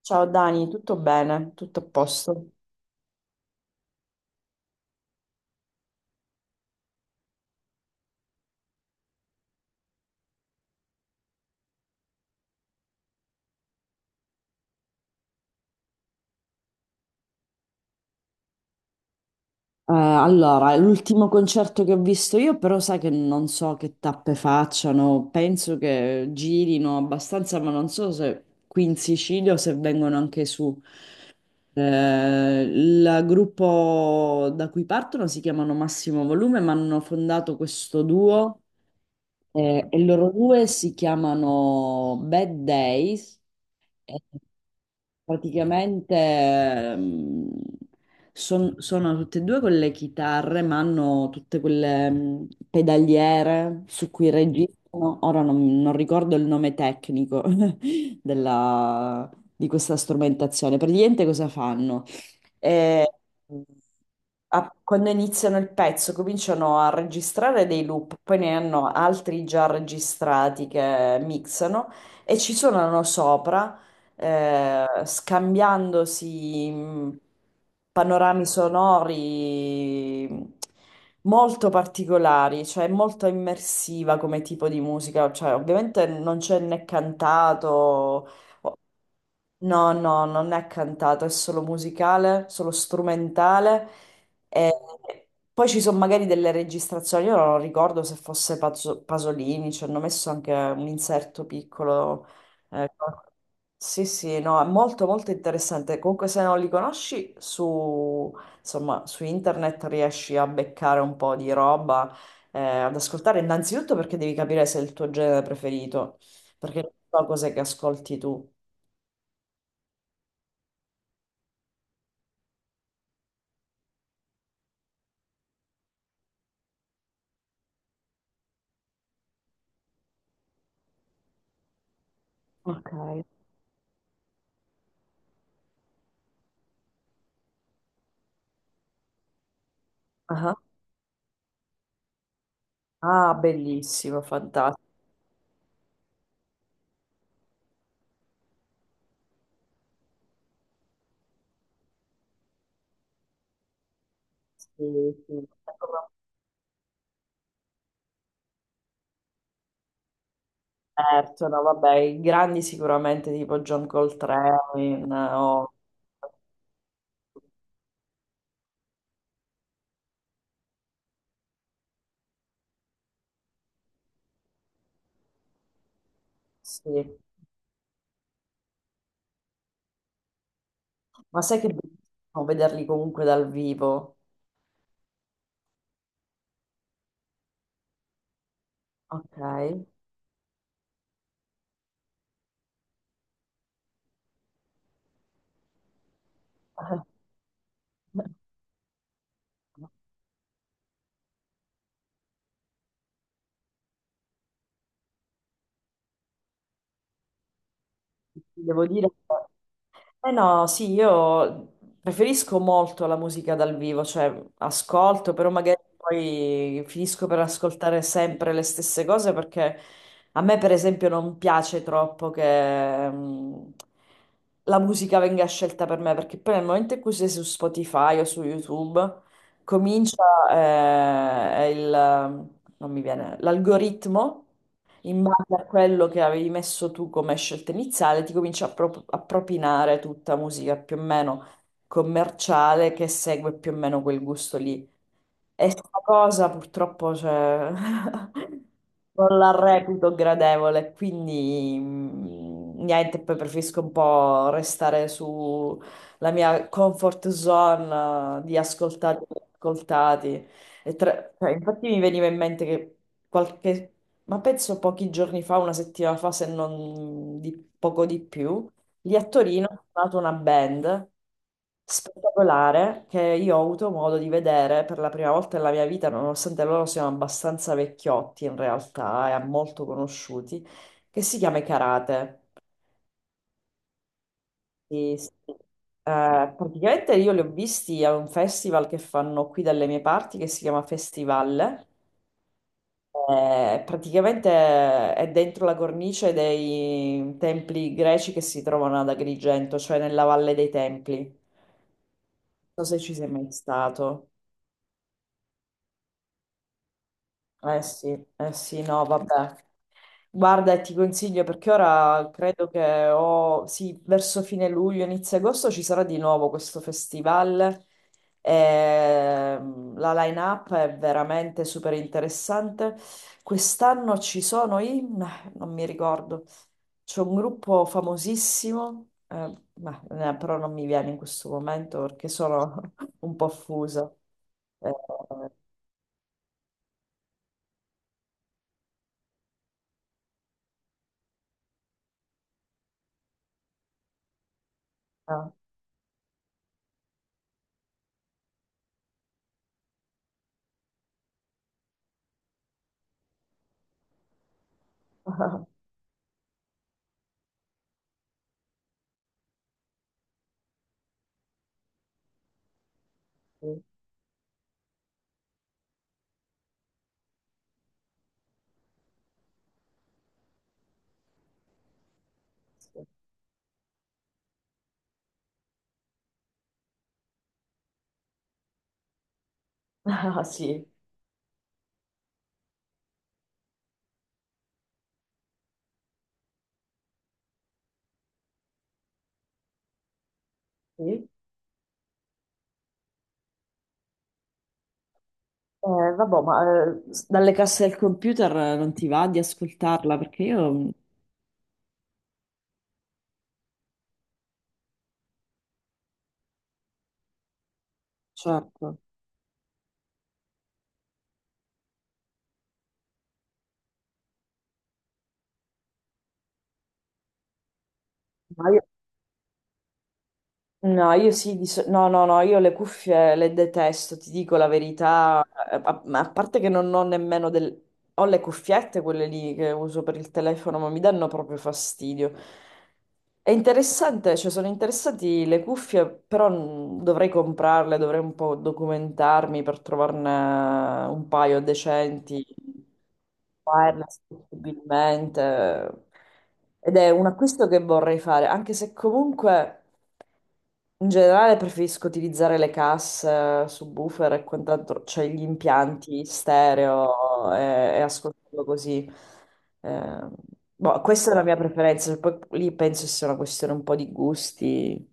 Ciao Dani, tutto bene? Tutto a posto? Allora, l'ultimo concerto che ho visto io, però sai che non so che tappe facciano, penso che girino abbastanza, ma non so se qui in Sicilia o se vengono anche su. Il gruppo da cui partono si chiamano Massimo Volume, ma hanno fondato questo duo, e loro due si chiamano Bad Days. eh, Praticamente sono tutte e due con le chitarre, ma hanno tutte quelle, pedaliere su cui registrano. Ora non ricordo il nome tecnico della- di questa strumentazione. Praticamente cosa fanno? Eh, Quando iniziano il pezzo cominciano a registrare dei loop, poi ne hanno altri già registrati che mixano e ci suonano sopra, scambiandosi panorami sonori molto particolari, cioè molto immersiva come tipo di musica, cioè ovviamente non c'è né cantato. No, no, non è cantato, è solo musicale, solo strumentale. E poi ci sono magari delle registrazioni, io non ricordo se fosse Pasolini, ci hanno messo anche un inserto piccolo. eh, sì, sì, no, è molto molto interessante. Comunque se non li conosci su, insomma, su internet riesci a beccare un po' di roba, ad ascoltare, innanzitutto perché devi capire se è il tuo genere preferito, perché non so cos'è che ascolti tu. Ok. Ah, ah, bellissimo, fantastico. Sì, sì. Certo, no, vabbè, i grandi sicuramente tipo John Coltrane, o- sì. Ma sai che è bellissimo vederli comunque dal vivo? Ok. Devo dire. Eh no, sì, io preferisco molto la musica dal vivo, cioè ascolto, però magari poi finisco per ascoltare sempre le stesse cose perché a me, per esempio, non piace troppo che, la musica venga scelta per me, perché poi nel momento in cui sei su Spotify o su YouTube, comincia, non mi viene, l'algoritmo in base a quello che avevi messo tu come scelta iniziale, ti comincia a propinare tutta musica più o meno commerciale che segue più o meno quel gusto lì. E sta cosa purtroppo, cioè, non la reputo gradevole, quindi, niente, poi preferisco un po' restare sulla mia comfort zone, di ascoltati, ascoltati. E cioè, infatti mi veniva in mente che qualche, ma penso pochi giorni fa, una settimana fa, se non di poco di più, lì a Torino ho suonato una band spettacolare che io ho avuto modo di vedere per la prima volta nella mia vita, nonostante loro siano abbastanza vecchiotti in realtà e molto conosciuti, che si chiama I Karate. Sì, sì. Praticamente io li ho visti a un festival che fanno qui dalle mie parti che si chiama Festival. Praticamente è dentro la cornice dei templi greci che si trovano ad Agrigento, cioè nella Valle dei Templi. Non so se ci sei mai stato. Eh sì, eh sì, no, vabbè. Guarda, e ti consiglio perché ora credo che o sì, verso fine luglio, inizio agosto ci sarà di nuovo questo festival. La line-up è veramente super interessante. Quest'anno ci sono i... meh, non mi ricordo. C'è un gruppo famosissimo, meh, però non mi viene in questo momento perché sono un po' fusa. Eh, ah, sì. Sì. Ah, sì. Sì. Vabbè, ma, dalle casse del computer, non ti va di ascoltarla perché certo, ma io no, io sì, no, no, no, io le cuffie le detesto, ti dico la verità. A parte che non ho nemmeno del... Ho le cuffiette, quelle lì che uso per il telefono, ma mi danno proprio fastidio. È interessante, cioè sono interessanti le cuffie, però, dovrei comprarle, dovrei un po' documentarmi per trovarne un paio decenti, wireless possibilmente. Ed è un acquisto che vorrei fare, anche se comunque... In generale preferisco utilizzare le casse, subwoofer e quant'altro, cioè gli impianti stereo e ascoltarlo così. Eh, Boh, questa è la mia preferenza, cioè, poi lì penso sia una questione un po' di gusti.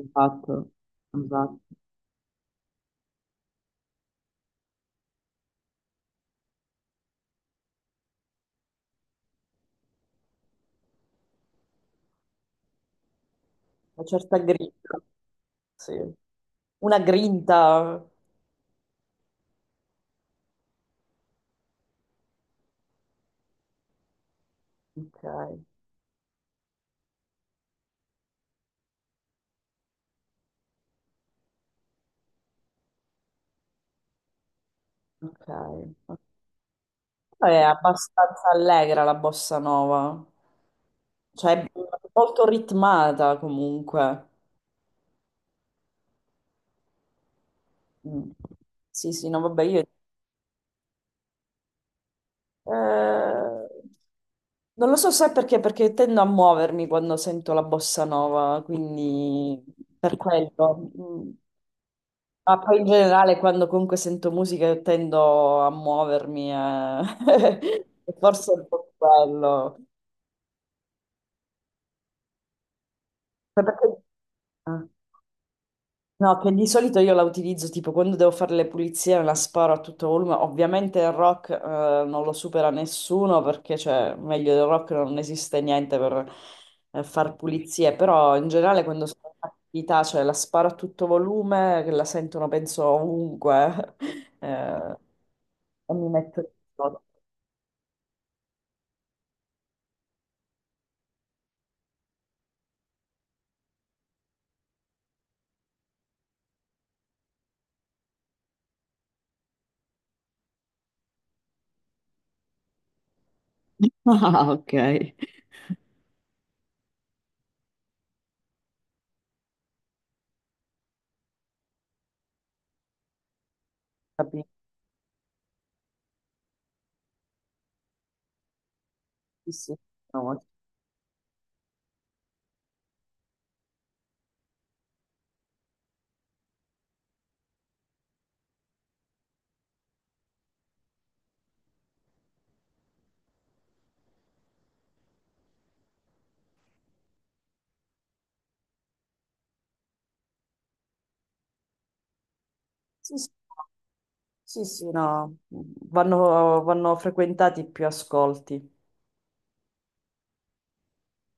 Esatto, esatto. Una certa grinta, sì. Una grinta. Ok, ok. È abbastanza allegra la bossa nova, cioè è molto ritmata comunque. Mm. Sì, sì, no, vabbè, io... eh, non lo so se perché, perché tendo a muovermi quando sento la bossa nova, quindi per quello. Mm. Ma poi in generale quando comunque sento musica io tendo a muovermi, eh. E forse è un po' quello. Ma perché... Ah. No, che di solito io la utilizzo tipo quando devo fare le pulizie, me la sparo a tutto volume. Ovviamente il rock, non lo supera nessuno perché, cioè, meglio del rock non esiste niente per, far pulizie, però in generale quando sono in attività, cioè la sparo a tutto volume, che la sentono penso ovunque. eh, e mi metto in modo. Ah, ok. Capisci? Sì, sì. No, sì, sì. Sì, sì, no, vanno, vanno frequentati più ascolti.